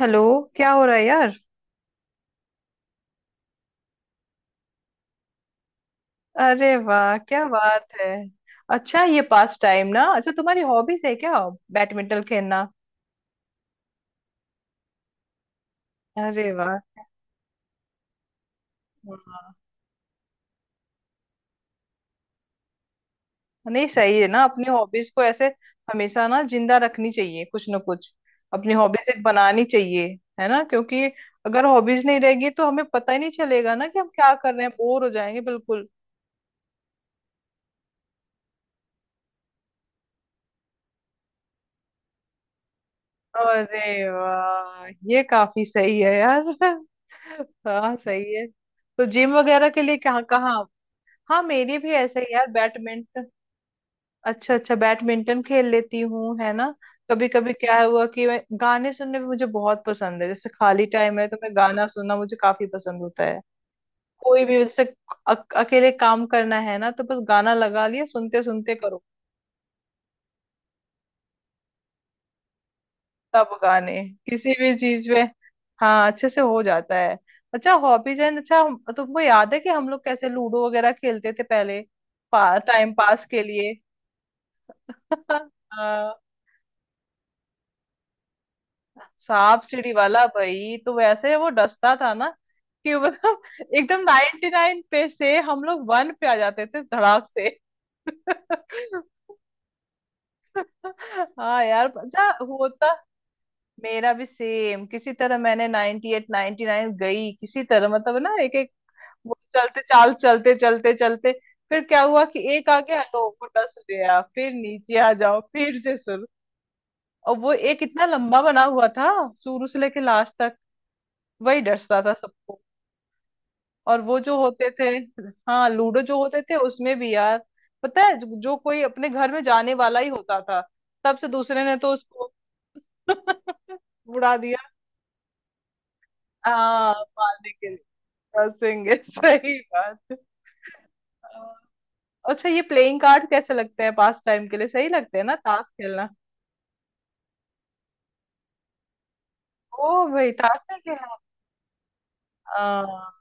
Hello. क्या हो रहा है यार। अरे वाह क्या बात है। अच्छा ये पास टाइम ना, अच्छा तुम्हारी हॉबीज है क्या बैडमिंटन खेलना? अरे वाह। हाँ। नहीं सही है ना, अपनी हॉबीज को ऐसे हमेशा ना जिंदा रखनी चाहिए, कुछ ना कुछ अपनी हॉबीज एक बनानी चाहिए। है ना? क्योंकि अगर हॉबीज नहीं रहेगी तो हमें पता ही नहीं चलेगा ना कि हम क्या कर रहे हैं, बोर हो जाएंगे बिल्कुल। अरे वाह ये काफी सही है यार। हाँ सही है। तो जिम वगैरह के लिए कहाँ कहाँ। हाँ मेरी भी ऐसे ही यार बैडमिंटन। अच्छा अच्छा बैडमिंटन खेल लेती हूँ, है ना। कभी कभी क्या हुआ कि मैं गाने सुनने भी मुझे बहुत पसंद है, जैसे खाली टाइम है तो मैं गाना सुनना मुझे काफी पसंद होता है। कोई भी जैसे अकेले काम करना है ना, तो बस गाना लगा लिया सुनते सुनते करो। सब गाने किसी भी चीज में हाँ अच्छे से हो जाता है। अच्छा हॉबीज है। अच्छा तुमको याद है कि हम लोग कैसे लूडो वगैरह खेलते थे पहले, टाइम पास के लिए। हाँ। सांप सीढ़ी वाला भाई तो वैसे वो डसता था ना, कि मतलब एकदम 99 नाइन पे से हम लोग वन पे आ जाते थे धड़ाक से। हाँ यार अच्छा होता। मेरा भी सेम, किसी तरह मैंने 98 एट नाइनटी नाइन गई किसी तरह, मतलब ना एक एक वो चलते चाल चलते चलते चलते फिर क्या हुआ कि एक आ गया तो वो डस गया, फिर नीचे आ जाओ फिर से शुरू। और वो एक इतना लंबा बना हुआ था, शुरू से लेके लास्ट तक वही डसता था सबको। और वो जो होते थे, हाँ लूडो जो होते थे उसमें भी यार, पता है जो कोई अपने घर में जाने वाला ही होता था, तब से दूसरे ने तो उसको उड़ा दिया। हाँ मारने के लिए कसेंगे। सही बात। अच्छा ये प्लेइंग कार्ड कैसे लगते हैं, पास टाइम के लिए सही लगते हैं ना ताश खेलना। ओ भाई ताश नहीं खेला। हाँ,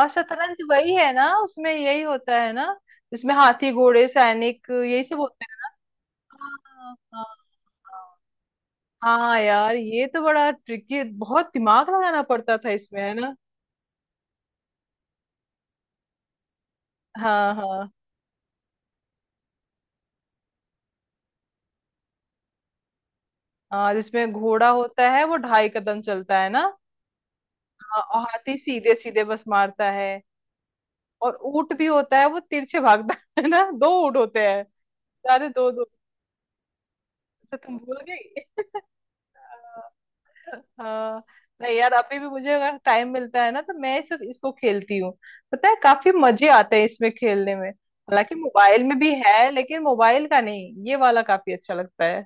और शतरंज वही है ना उसमें यही होता है ना, जिसमें हाथी घोड़े सैनिक यही सब होते हैं। हाँ हाँ। हाँ। हाँ यार ये तो बड़ा ट्रिकी, बहुत दिमाग लगाना पड़ता था इसमें, है ना। हाँ हाँ। हाँ, जिसमें घोड़ा होता है वो ढाई कदम चलता है ना। हाँ, और हाथी सीधे सीधे बस मारता है। और ऊंट भी होता है वो तिरछे भागता, है ना दो ऊंट होते हैं, सारे दो दो। अच्छा तुम भूल गई? हाँ। नहीं यार अभी भी मुझे अगर टाइम मिलता है ना तो मैं इसको खेलती हूँ। पता है काफी मजे आते हैं इसमें खेलने में, हालांकि मोबाइल में भी है लेकिन मोबाइल का नहीं, ये वाला काफी अच्छा लगता है।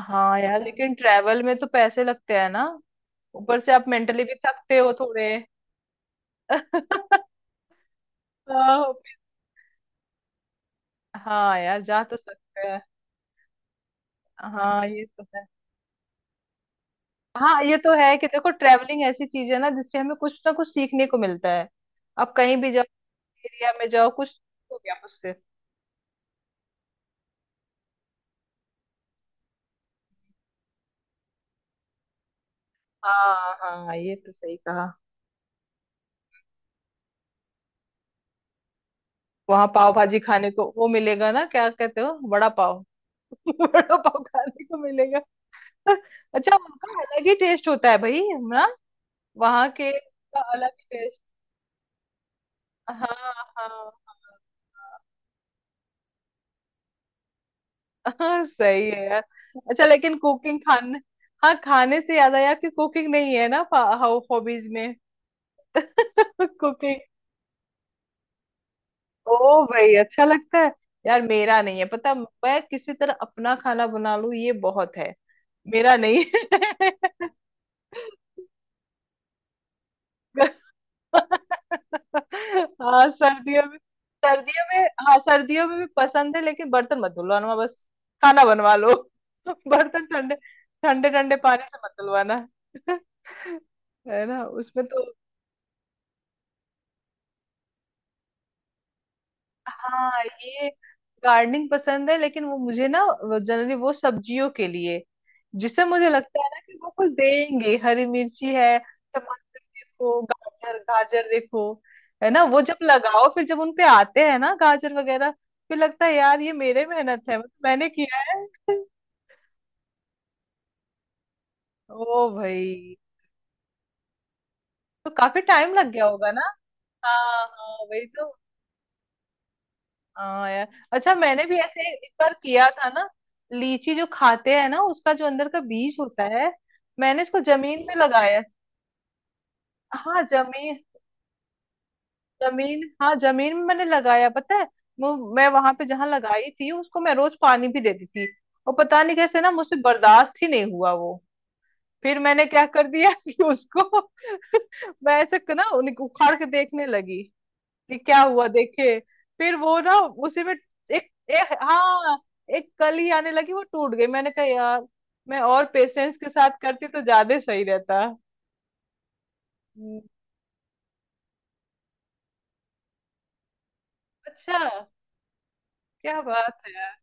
हाँ यार लेकिन ट्रैवल में तो पैसे लगते हैं ना, ऊपर से आप मेंटली भी थकते हो थोड़े। हाँ हाँ यार जा तो सकते हैं। हाँ ये तो है। हाँ ये तो है कि देखो ट्रैवलिंग ऐसी चीज है ना जिससे हमें कुछ ना कुछ सीखने को मिलता है। आप कहीं भी जाओ, एरिया में जाओ, कुछ हो गया उससे। हाँ हाँ ये तो सही कहा। वहां पाव भाजी खाने को वो मिलेगा ना, क्या कहते हो, बड़ा पाव। बड़ा पाव खाने को मिलेगा। अच्छा उनका अलग ही टेस्ट होता है भाई ना वहां के का, अलग टेस्ट। हाँ हाँ हाँ। सही है यार। अच्छा लेकिन कुकिंग खाने, हाँ खाने से याद आया कि कुकिंग नहीं है ना हाउ हॉबीज में। कुकिंग। ओ भाई अच्छा लगता है यार, मेरा नहीं है पता, मैं किसी तरह अपना खाना बना लूं ये बहुत है। मेरा नहीं है। हाँ सर्दियों में। सर्दियों में, हाँ सर्दियों में भी पसंद है, लेकिन बर्तन मत धुलवाना बस, खाना बनवा लो। बर्तन ठंडे ठंडे ठंडे पानी से मत धुलवाना। है ना, उसमें तो। हाँ ये गार्डनिंग पसंद है, लेकिन वो मुझे ना जनरली वो सब्जियों के लिए, जिससे मुझे लगता है ना कि वो कुछ देंगे, हरी मिर्ची है, टमाटर देखो, गाजर, गाजर देखो। है ना, वो जब लगाओ फिर जब उनपे आते हैं ना गाजर वगैरह, फिर लगता है यार ये मेरे मेहनत है, मतलब मैंने किया है। ओ भाई तो काफी टाइम लग गया होगा ना। हाँ हाँ वही तो। हाँ यार। अच्छा मैंने भी ऐसे एक बार किया था ना, लीची जो खाते हैं ना उसका जो अंदर का बीज होता है, मैंने इसको जमीन में लगाया। हाँ जमीन, जमीन, हाँ जमीन में मैंने लगाया, पता है वो मैं वहां पे जहाँ लगाई थी उसको मैं रोज पानी भी देती थी। और पता नहीं कैसे ना, मुझसे बर्दाश्त ही नहीं हुआ वो, फिर मैंने क्या कर दिया कि उसको मैं ऐसे ना उखाड़ के देखने लगी कि क्या हुआ देखिए। फिर वो ना उसी में एक एक हाँ एक कली आने लगी वो टूट गई, मैंने कहा यार, मैं और पेशेंस के साथ करती तो ज्यादा सही रहता। हम्म। अच्छा। क्या बात है यार।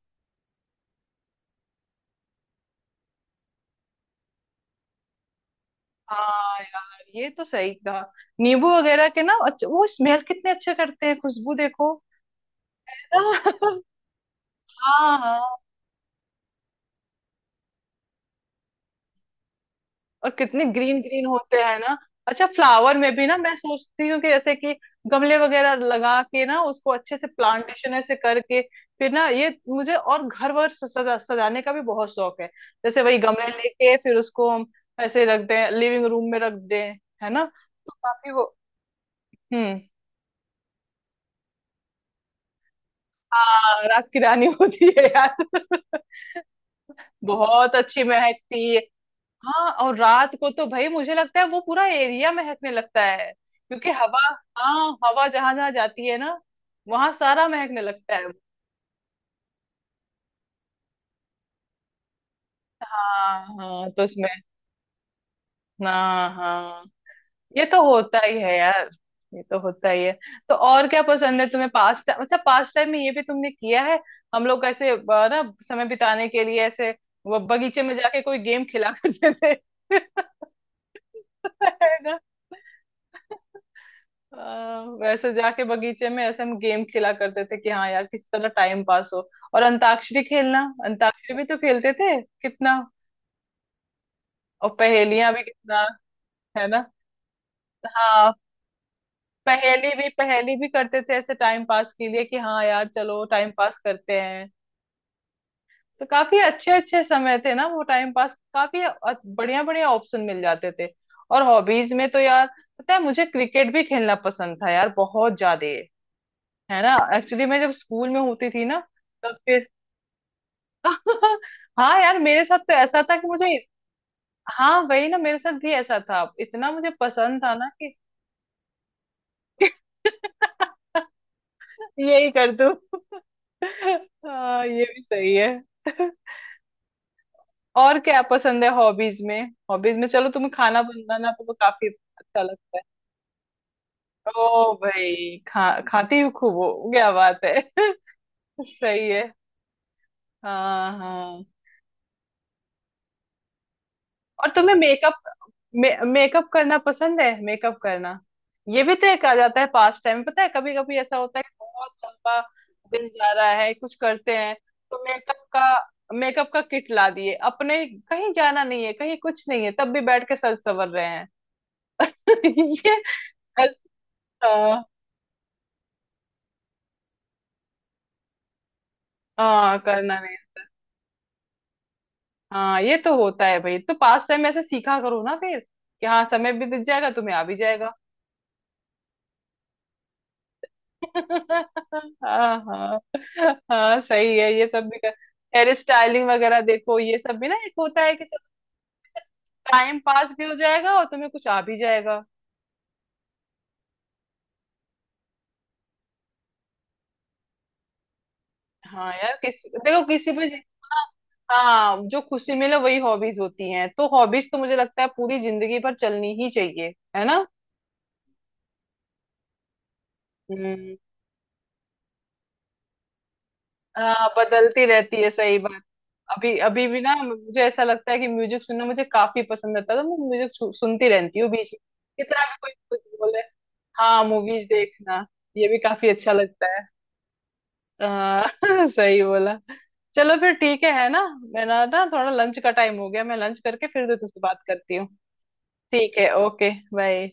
हाँ यार ये तो सही कहा, नींबू वगैरह के ना अच्छा वो स्मेल कितने अच्छे करते हैं, खुशबू देखो। हाँ और कितने ग्रीन ग्रीन होते हैं ना। अच्छा फ्लावर में भी ना मैं सोचती हूँ कि जैसे कि गमले वगैरह लगा के ना उसको अच्छे से प्लांटेशन ऐसे करके, फिर ना ये मुझे, और घर वर सजाने का भी बहुत शौक है। जैसे वही गमले लेके फिर उसको हम ऐसे रख दें, लिविंग रूम में रख दें, है ना तो काफी वो। हम्म। हाँ रात की रानी होती है यार। बहुत अच्छी महकती है। हाँ और रात को तो भाई मुझे लगता है वो पूरा एरिया महकने लगता है क्योंकि हवा, हाँ हवा जहां जहां जाती है ना, वहां सारा महकने लगता है। हाँ हाँ तो उसमें। हाँ हाँ। ये तो होता ही है यार। ये तो होता ही है। तो और क्या पसंद है तुम्हें पास टाइम, अच्छा पास टाइम में ये भी तुमने किया है, हम लोग ऐसे ना समय बिताने के लिए ऐसे वो बगीचे में जाके कोई गेम खिला करते थे। है, अ, वैसे जाके बगीचे में ऐसे हम गेम खेला करते थे कि हाँ यार किस तरह टाइम पास हो। और अंताक्षरी खेलना, अंताक्षरी भी तो खेलते थे कितना, और पहेलियां भी कितना, है ना। हाँ पहेली भी करते थे ऐसे टाइम पास के लिए कि हाँ यार चलो टाइम पास करते हैं। तो काफी अच्छे अच्छे समय थे ना, वो टाइम पास काफी बढ़िया बढ़िया ऑप्शन मिल जाते थे। और हॉबीज में तो यार, पता है मुझे क्रिकेट भी खेलना पसंद था यार बहुत ज्यादा, है ना, एक्चुअली मैं जब स्कूल में होती थी ना तब फिर। हाँ यार मेरे साथ तो ऐसा था कि मुझे, हाँ वही ना, मेरे साथ भी ऐसा था, इतना मुझे पसंद था ना कि यही कर दूं। हाँ ये भी सही है। और क्या पसंद है हॉबीज में। हॉबीज में चलो तुम्हें खाना बनाना तो काफी अच्छा लगता है। ओ भाई खा खाती हूँ खूब हो क्या बात है। सही है। हाँ हाँ। और तुम्हें मेकअप, मेकअप करना पसंद है, मेकअप करना ये भी तो एक आ जाता है पास टाइम। पता है कभी कभी ऐसा होता है कि बहुत लंबा दिन जा रहा है कुछ करते हैं, तो मेकअप का, मेकअप का किट ला दिए अपने, कहीं जाना नहीं है कहीं कुछ नहीं है तब भी बैठ के सर संवर रहे हैं। ये ऐसा। हाँ करना नहीं। हाँ ये तो होता है भाई, तो पास टाइम ऐसे सीखा करो ना फिर, कि हाँ समय भी बीत जाएगा तुम्हें आ भी जाएगा। हाँ हाँ। हाँ सही है ये सब भी कर, हेयर स्टाइलिंग वगैरह देखो ये सब भी ना, एक होता है कि सब टाइम पास भी हो जाएगा और तुम्हें कुछ आ भी जाएगा। हाँ यार किस देखो, किसी पे हाँ। हाँ, जो खुशी मिले वही हॉबीज होती हैं, तो हॉबीज तो मुझे लगता है पूरी जिंदगी भर चलनी ही चाहिए, है ना। हम्म। हाँ बदलती रहती है, सही बात। अभी अभी भी ना मुझे ऐसा लगता है कि म्यूजिक सुनना मुझे काफी पसंद आता है, तो मैं म्यूजिक सुनती रहती हूँ बीच में कितना भी कोई कुछ बोले। हाँ मूवीज देखना, ये भी काफी अच्छा लगता है। हाँ। सही बोला। चलो फिर ठीक है ना, मेरा ना थोड़ा लंच का टाइम हो गया, मैं लंच करके फिर तुझसे बात करती हूँ। ठीक है। Okay bye.